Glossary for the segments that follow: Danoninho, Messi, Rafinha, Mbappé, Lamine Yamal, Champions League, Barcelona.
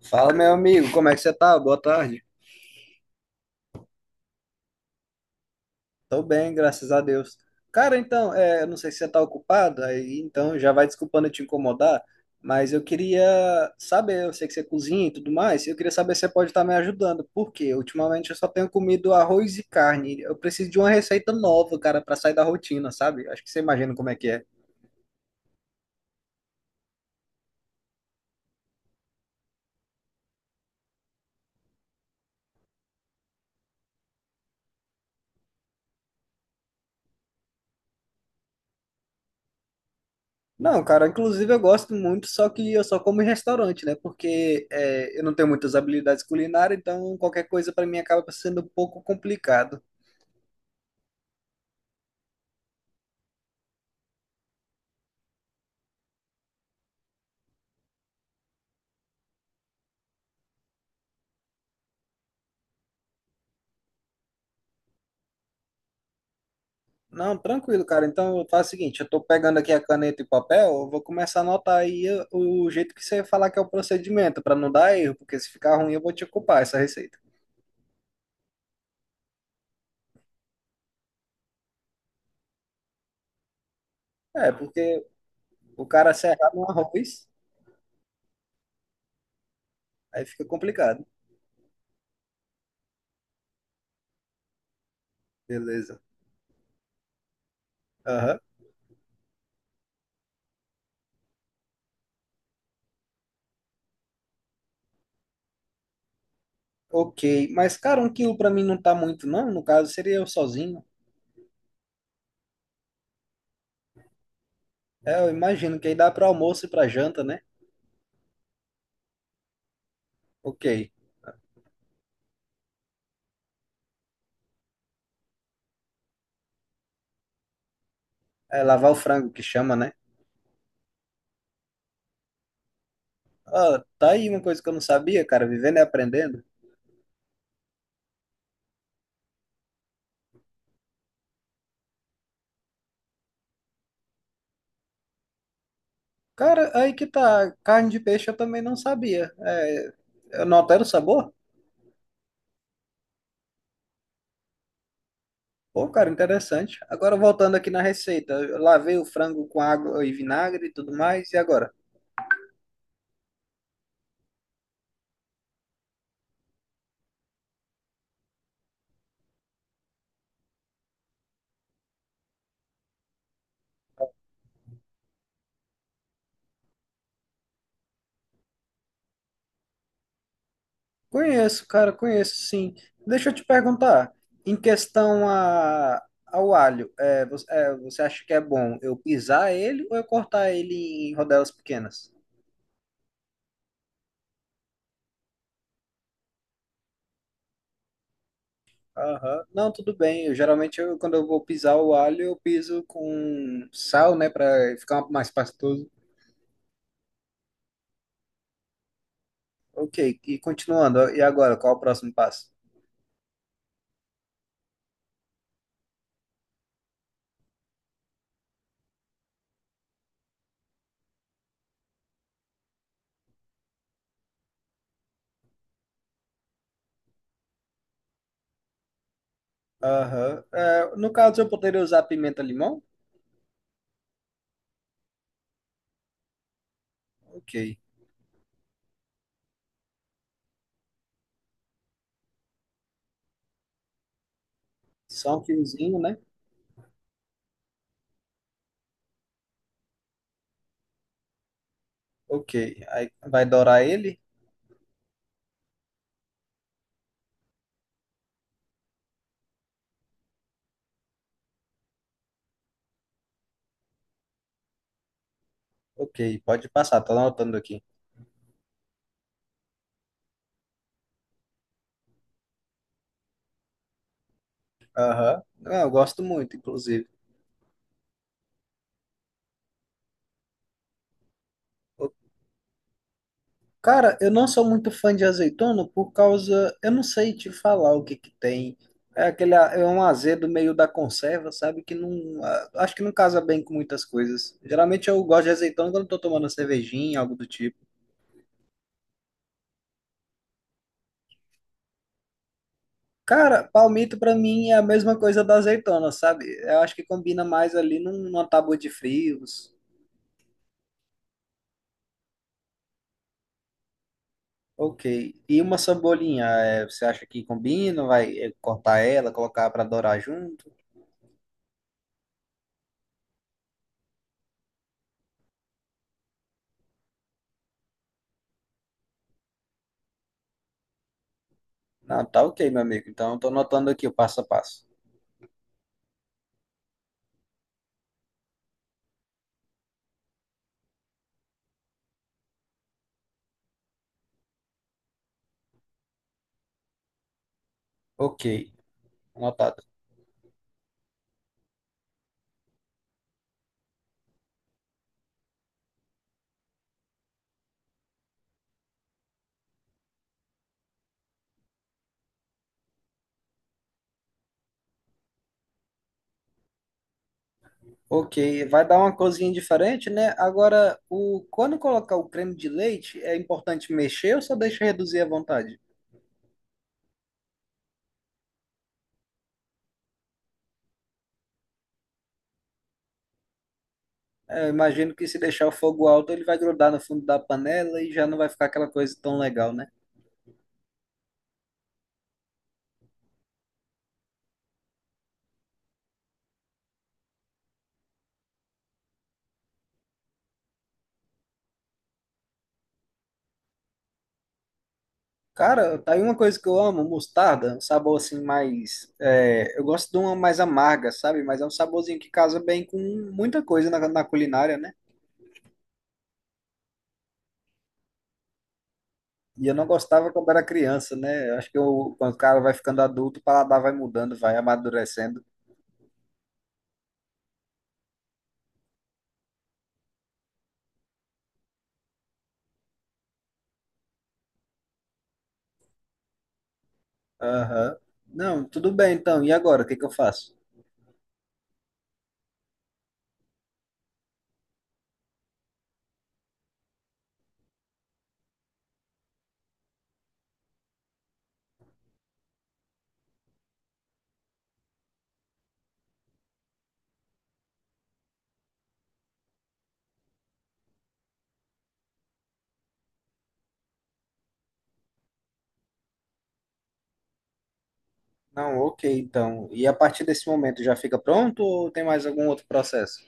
Fala, meu amigo, como é que você tá? Boa tarde. Tô bem, graças a Deus. Cara, então, eu não sei se você tá ocupado, aí então já vai desculpando eu te incomodar, mas eu queria saber, eu sei que você cozinha e tudo mais, eu queria saber se você pode estar me ajudando, porque ultimamente eu só tenho comido arroz e carne. Eu preciso de uma receita nova, cara, pra sair da rotina, sabe? Acho que você imagina como é que é. Não, cara, inclusive eu gosto muito, só que eu só como em restaurante, né? Porque eu não tenho muitas habilidades culinárias, então qualquer coisa pra mim acaba sendo um pouco complicado. Não, tranquilo, cara. Então eu faço o seguinte, eu tô pegando aqui a caneta e papel, eu vou começar a anotar aí o jeito que você falar que é o procedimento, pra não dar erro, porque se ficar ruim eu vou te culpar essa receita. É, porque o cara se errar no arroz, aí fica complicado. Beleza. Aham. Ok, mas cara, 1 quilo pra mim não tá muito, não. No caso, seria eu sozinho. É, eu imagino que aí dá para almoço e para janta, né? Ok. É lavar o frango que chama, né? Ah, tá aí uma coisa que eu não sabia, cara, vivendo e aprendendo. Cara, aí que tá, carne de peixe eu também não sabia. É, eu não altero o sabor? Pô, cara, interessante. Agora voltando aqui na receita, eu lavei o frango com água e vinagre e tudo mais, e agora? Conheço, cara, conheço, sim. Deixa eu te perguntar, em questão a, ao alho, você acha que é bom eu pisar ele ou eu cortar ele em rodelas pequenas? Aham. Não, tudo bem. Geralmente, quando eu vou pisar o alho, eu piso com sal, né, para ficar mais pastoso. Ok, e continuando, e agora, qual o próximo passo? Aham. É, no caso, eu poderia usar pimenta-limão? Ok. Só um fiozinho, né? Ok. Aí vai dourar ele? Ok, pode passar, tô anotando aqui. Aham. Ah, eu gosto muito, inclusive. Ô, cara, eu não sou muito fã de azeitona por causa. Eu não sei te falar o que que tem. É aquele, é um azedo meio da conserva, sabe? Que não. Acho que não casa bem com muitas coisas. Geralmente eu gosto de azeitona quando eu tô tomando uma cervejinha, algo do tipo. Cara, palmito pra mim é a mesma coisa da azeitona, sabe? Eu acho que combina mais ali numa tábua de frios. Ok. E uma cebolinha, é, você acha que combina? Vai é, cortar ela, colocar para dourar junto? Não, tá ok, meu amigo. Então, eu tô anotando aqui o passo a passo. Ok, anotado. Ok, vai dar uma cozinha diferente, né? Agora, quando colocar o creme de leite, é importante mexer ou só deixa reduzir à vontade? É, eu imagino que se deixar o fogo alto, ele vai grudar no fundo da panela e já não vai ficar aquela coisa tão legal, né? Cara, tá aí uma coisa que eu amo, mostarda, um sabor assim mais. Eu gosto de uma mais amarga, sabe? Mas é um saborzinho que casa bem com muita coisa na culinária, né? E eu não gostava quando era criança, né? Eu acho que quando o cara vai ficando adulto, o paladar vai mudando, vai amadurecendo. Aham. Não, tudo bem então. E agora? O que que eu faço? Não, ok, então. E a partir desse momento já fica pronto ou tem mais algum outro processo?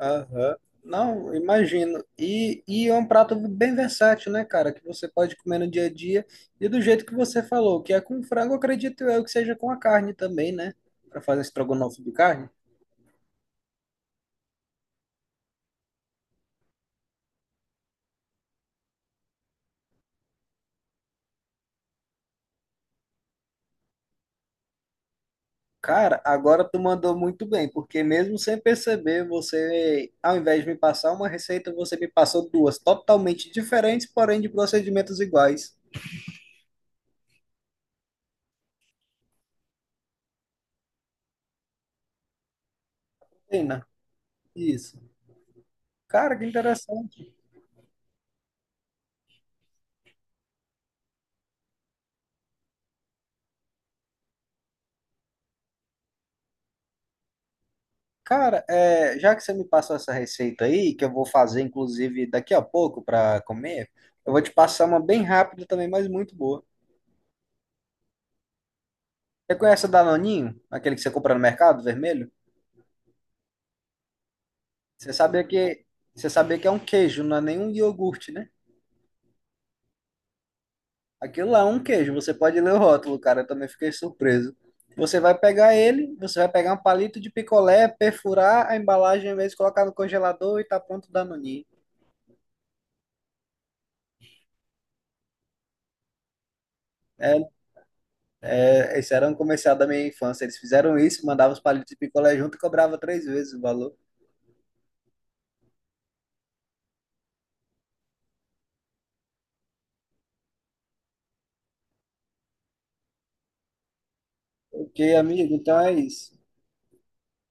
Aham. Não, imagino. E é um prato bem versátil, né, cara? Que você pode comer no dia a dia. E do jeito que você falou, que é com frango, acredito eu que seja com a carne também, né? Para fazer estrogonofe de carne. Cara, agora tu mandou muito bem, porque mesmo sem perceber, você, ao invés de me passar uma receita, você me passou duas totalmente diferentes, porém de procedimentos iguais. Pena, isso. Cara, que interessante. Cara, é, já que você me passou essa receita aí, que eu vou fazer, inclusive, daqui a pouco para comer, eu vou te passar uma bem rápida também, mas muito boa. Você conhece o Danoninho? Aquele que você compra no mercado, vermelho? Você sabia que, você sabia que é um queijo, não é nenhum iogurte, né? Aquilo lá é um queijo, você pode ler o rótulo, cara, eu também fiquei surpreso. Você vai pegar um palito de picolé, perfurar a embalagem mesmo, colocar no congelador e tá pronto o Danoninho. É, esse era um comercial da minha infância. Eles fizeram isso, mandavam os palitos de picolé junto e cobrava 3 vezes o valor. Ok, amigo, então é isso.